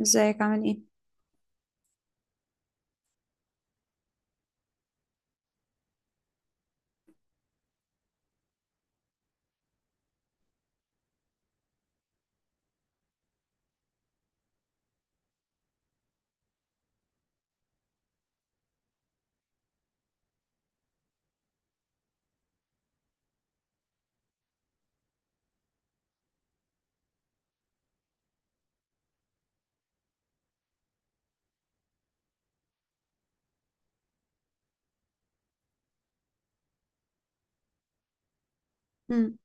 ازيك عامل ايه؟ مم.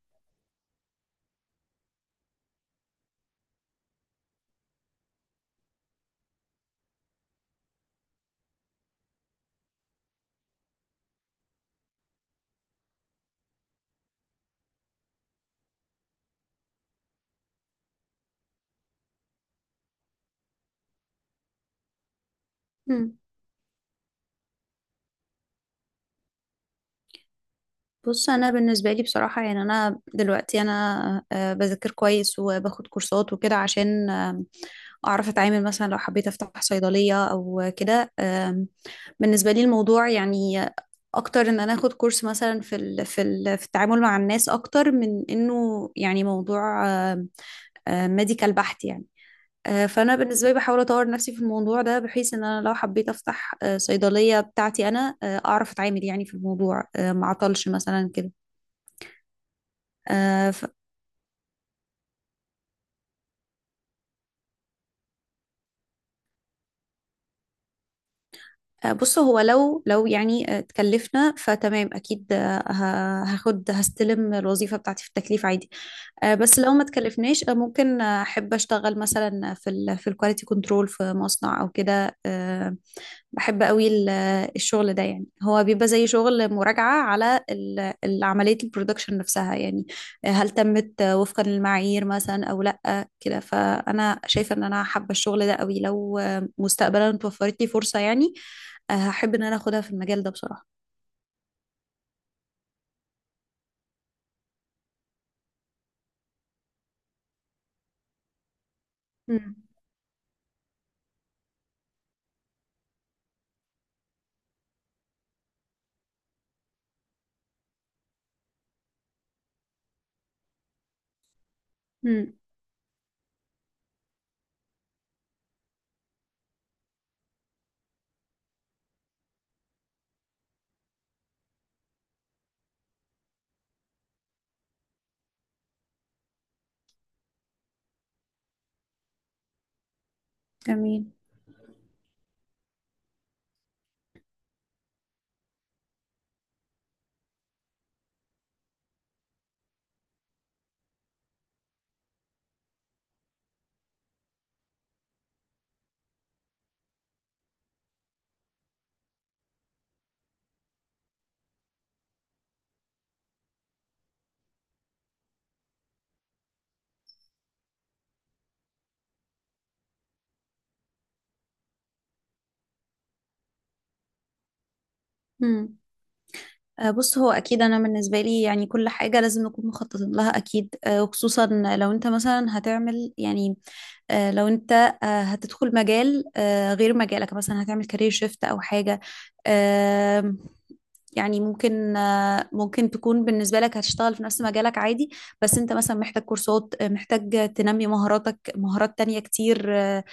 مم. بص، انا بالنسبه لي بصراحه يعني انا دلوقتي انا آه، بذاكر كويس وباخد كورسات وكده، عشان اعرف اتعامل، مثلا لو حبيت افتح صيدليه او كده. بالنسبه لي الموضوع يعني اكتر ان انا اخد كورس مثلا في التعامل مع الناس، اكتر من انه يعني موضوع ميديكال بحت يعني. فانا بالنسبه لي بحاول اطور نفسي في الموضوع ده، بحيث ان انا لو حبيت افتح صيدليه بتاعتي، انا اعرف اتعامل يعني في الموضوع، ما اعطلش مثلا كده. آه، ف- بص، هو لو يعني اتكلفنا، فتمام اكيد. آه، ه- هاخد هستلم الوظيفه بتاعتي في التكليف عادي. بس لو ما اتكلفناش، ممكن احب اشتغل مثلا في الكواليتي كنترول في مصنع او كده. بحب قوي الشغل ده. يعني هو بيبقى زي شغل مراجعة على عملية البرودكشن نفسها، يعني هل تمت وفقا للمعايير مثلا أو لأ كده. فأنا شايفة إن أنا حابة الشغل ده قوي، لو مستقبلا اتوفرت لي فرصة يعني هحب إن أنا أخدها في المجال ده بصراحة. مم. مم. جميل. مم. بص، هو اكيد انا بالنسبه لي يعني كل حاجه لازم نكون مخططين لها اكيد. وخصوصا لو انت مثلا هتعمل يعني. لو انت هتدخل مجال غير مجالك، مثلا هتعمل كارير شيفت او حاجة. آم، يعني ممكن تكون بالنسبة لك هتشتغل في نفس مجالك عادي، بس انت مثلا محتاج كورسات. محتاج تنمي مهاراتك، مهارات تانية كتير.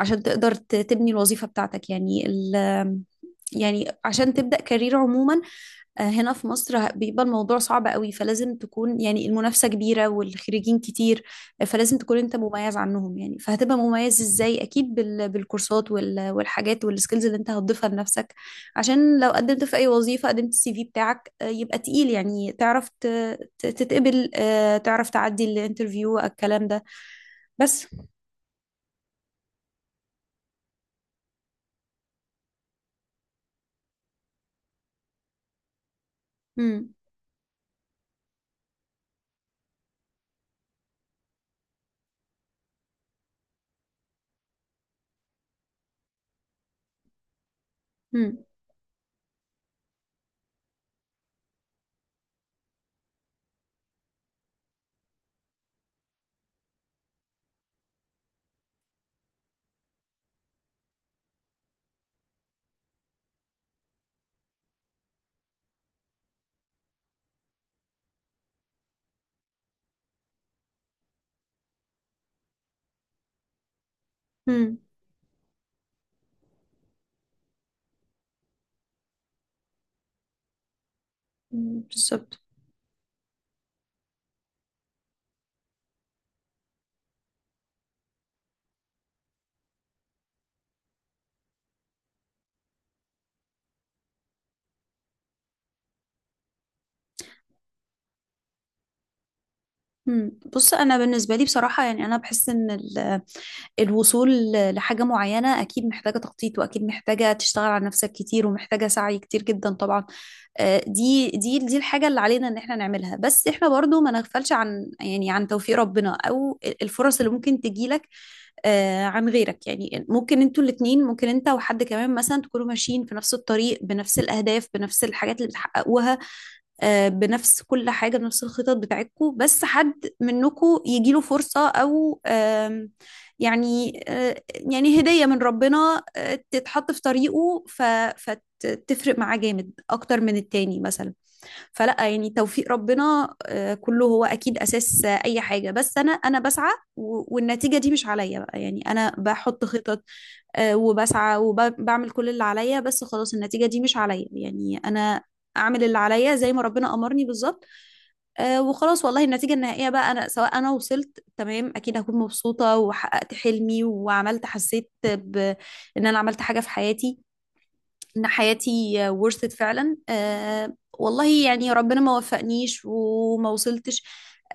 عشان تقدر تبني الوظيفة بتاعتك يعني ال يعني عشان تبدأ كارير عموما. هنا في مصر بيبقى الموضوع صعب قوي، فلازم تكون يعني المنافسة كبيرة والخريجين كتير. فلازم تكون انت مميز عنهم، يعني فهتبقى مميز ازاي؟ اكيد بالكورسات والحاجات والسكيلز اللي انت هتضيفها لنفسك، عشان لو قدمت في اي وظيفة، قدمت السي في بتاعك يبقى تقيل، يعني تعرف تتقبل. تعرف تعدي الانترفيو الكلام ده، بس. امم. امم. امم. بالظبط. مم. بص، انا بالنسبه لي بصراحه يعني انا بحس ان الوصول لحاجه معينه اكيد محتاجه تخطيط، واكيد محتاجه تشتغل على نفسك كتير، ومحتاجه سعي كتير جدا طبعا. دي الحاجه اللي علينا ان احنا نعملها، بس احنا برضو ما نغفلش يعني عن توفيق ربنا، او الفرص اللي ممكن تجيلك. عن غيرك، يعني ممكن انتوا الاتنين، ممكن انت وحد كمان مثلا تكونوا ماشيين في نفس الطريق، بنفس الاهداف، بنفس الحاجات اللي بتحققوها. بنفس كل حاجة، بنفس الخطط بتاعتكم، بس حد منكم يجيله فرصة أو آم، يعني آه، يعني هدية من ربنا تتحط في طريقه فتفرق معاه جامد أكتر من التاني مثلا. فلا يعني توفيق ربنا كله هو اكيد اساس اي حاجه، بس انا بسعى والنتيجه دي مش عليا بقى، يعني انا بحط خطط وبسعى وبعمل كل اللي عليا، بس خلاص النتيجه دي مش عليا، يعني انا اعمل اللي عليا زي ما ربنا امرني بالظبط. وخلاص، والله النتيجة النهائية بقى أنا، سواء أنا وصلت تمام أكيد هكون مبسوطة وحققت حلمي وعملت، حسيت بإن أنا عملت حاجة في حياتي، ان حياتي ورثت فعلا. والله يعني ربنا ما وفقنيش وما وصلتش،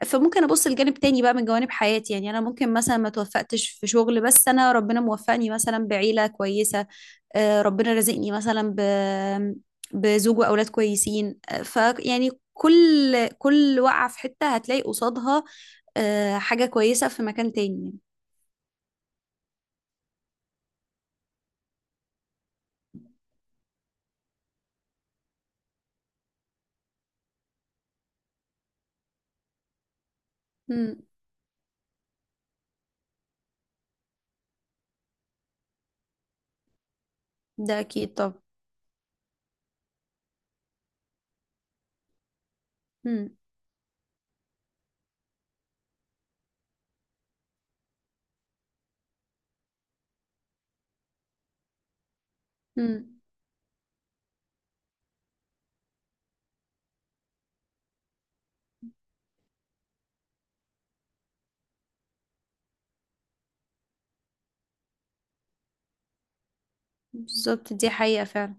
فممكن ابص لجانب تاني بقى من جوانب حياتي، يعني انا ممكن مثلا ما توفقتش في شغل، بس انا ربنا موفقني مثلا بعيلة كويسة. ربنا رزقني مثلا بزوج واولاد كويسين. فيعني كل وقعة في حتة هتلاقي قصادها حاجة كويسة في مكان تاني. مم. ده اكيد طب. مم. مم. بالظبط. دي حقيقة فعلا.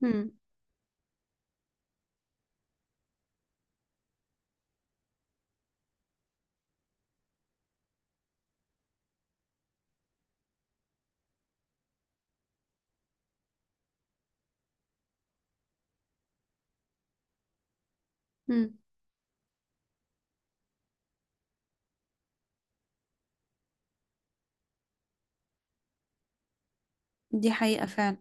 مم. مم. دي حقيقة فعلا.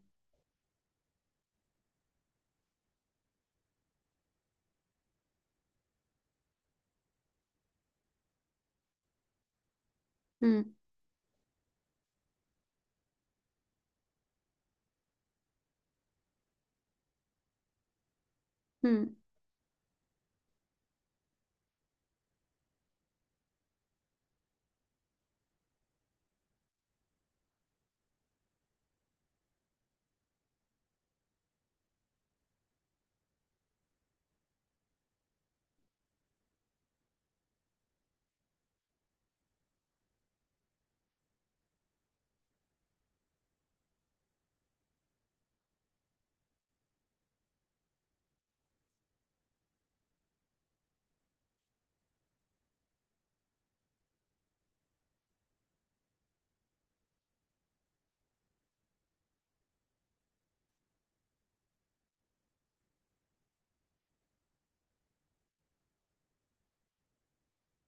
مم. مم.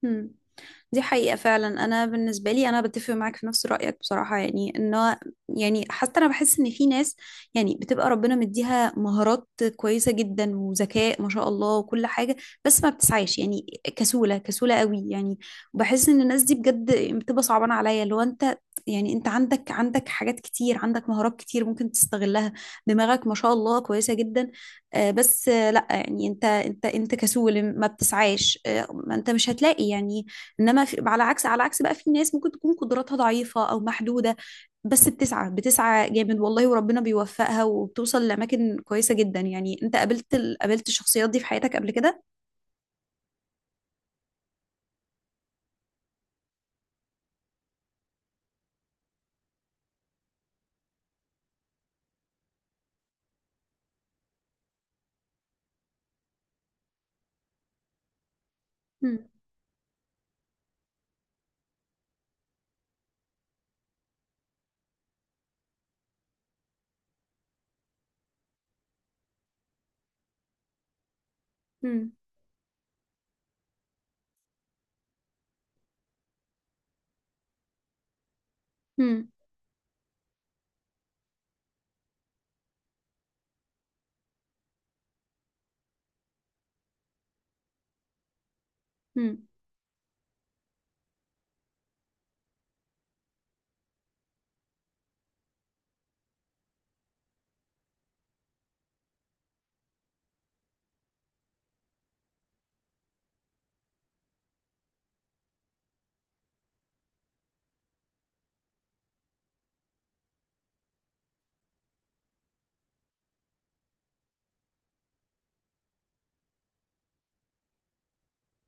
مم. دي حقيقة فعلا، أنا بالنسبة لي أنا بتفق معاك في نفس رأيك بصراحة، يعني يعني حتى أنا بحس إن في ناس يعني بتبقى ربنا مديها مهارات كويسة جدا وذكاء ما شاء الله وكل حاجة، بس ما بتسعاش يعني كسولة كسولة قوي يعني. بحس إن الناس دي بجد بتبقى صعبانة عليا، اللي هو أنت. يعني أنت عندك حاجات كتير، عندك مهارات كتير ممكن تستغلها، دماغك ما شاء الله كويسة جدا. بس لأ، يعني أنت كسول ما بتسعاش، ما انت مش هتلاقي يعني. انما في على عكس، على عكس بقى في ناس ممكن تكون قدراتها ضعيفة او محدودة، بس بتسعى بتسعى جامد والله وربنا بيوفقها وبتوصل لأماكن كويسة جدا. يعني انت قابلت قابلت الشخصيات دي في حياتك قبل كده؟ مم. مم. مم. مم.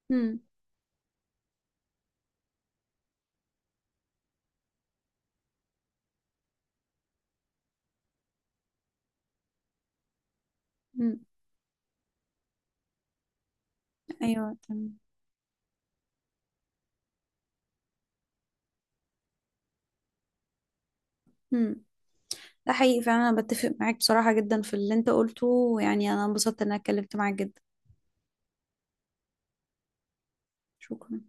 مم. مم. ايوه تمام. مم. ده حقيقي فعلا، انا بتفق معاك بصراحة جدا في اللي انت قلته، يعني انا انبسطت ان انا اتكلمت معاك جدا. شكرا.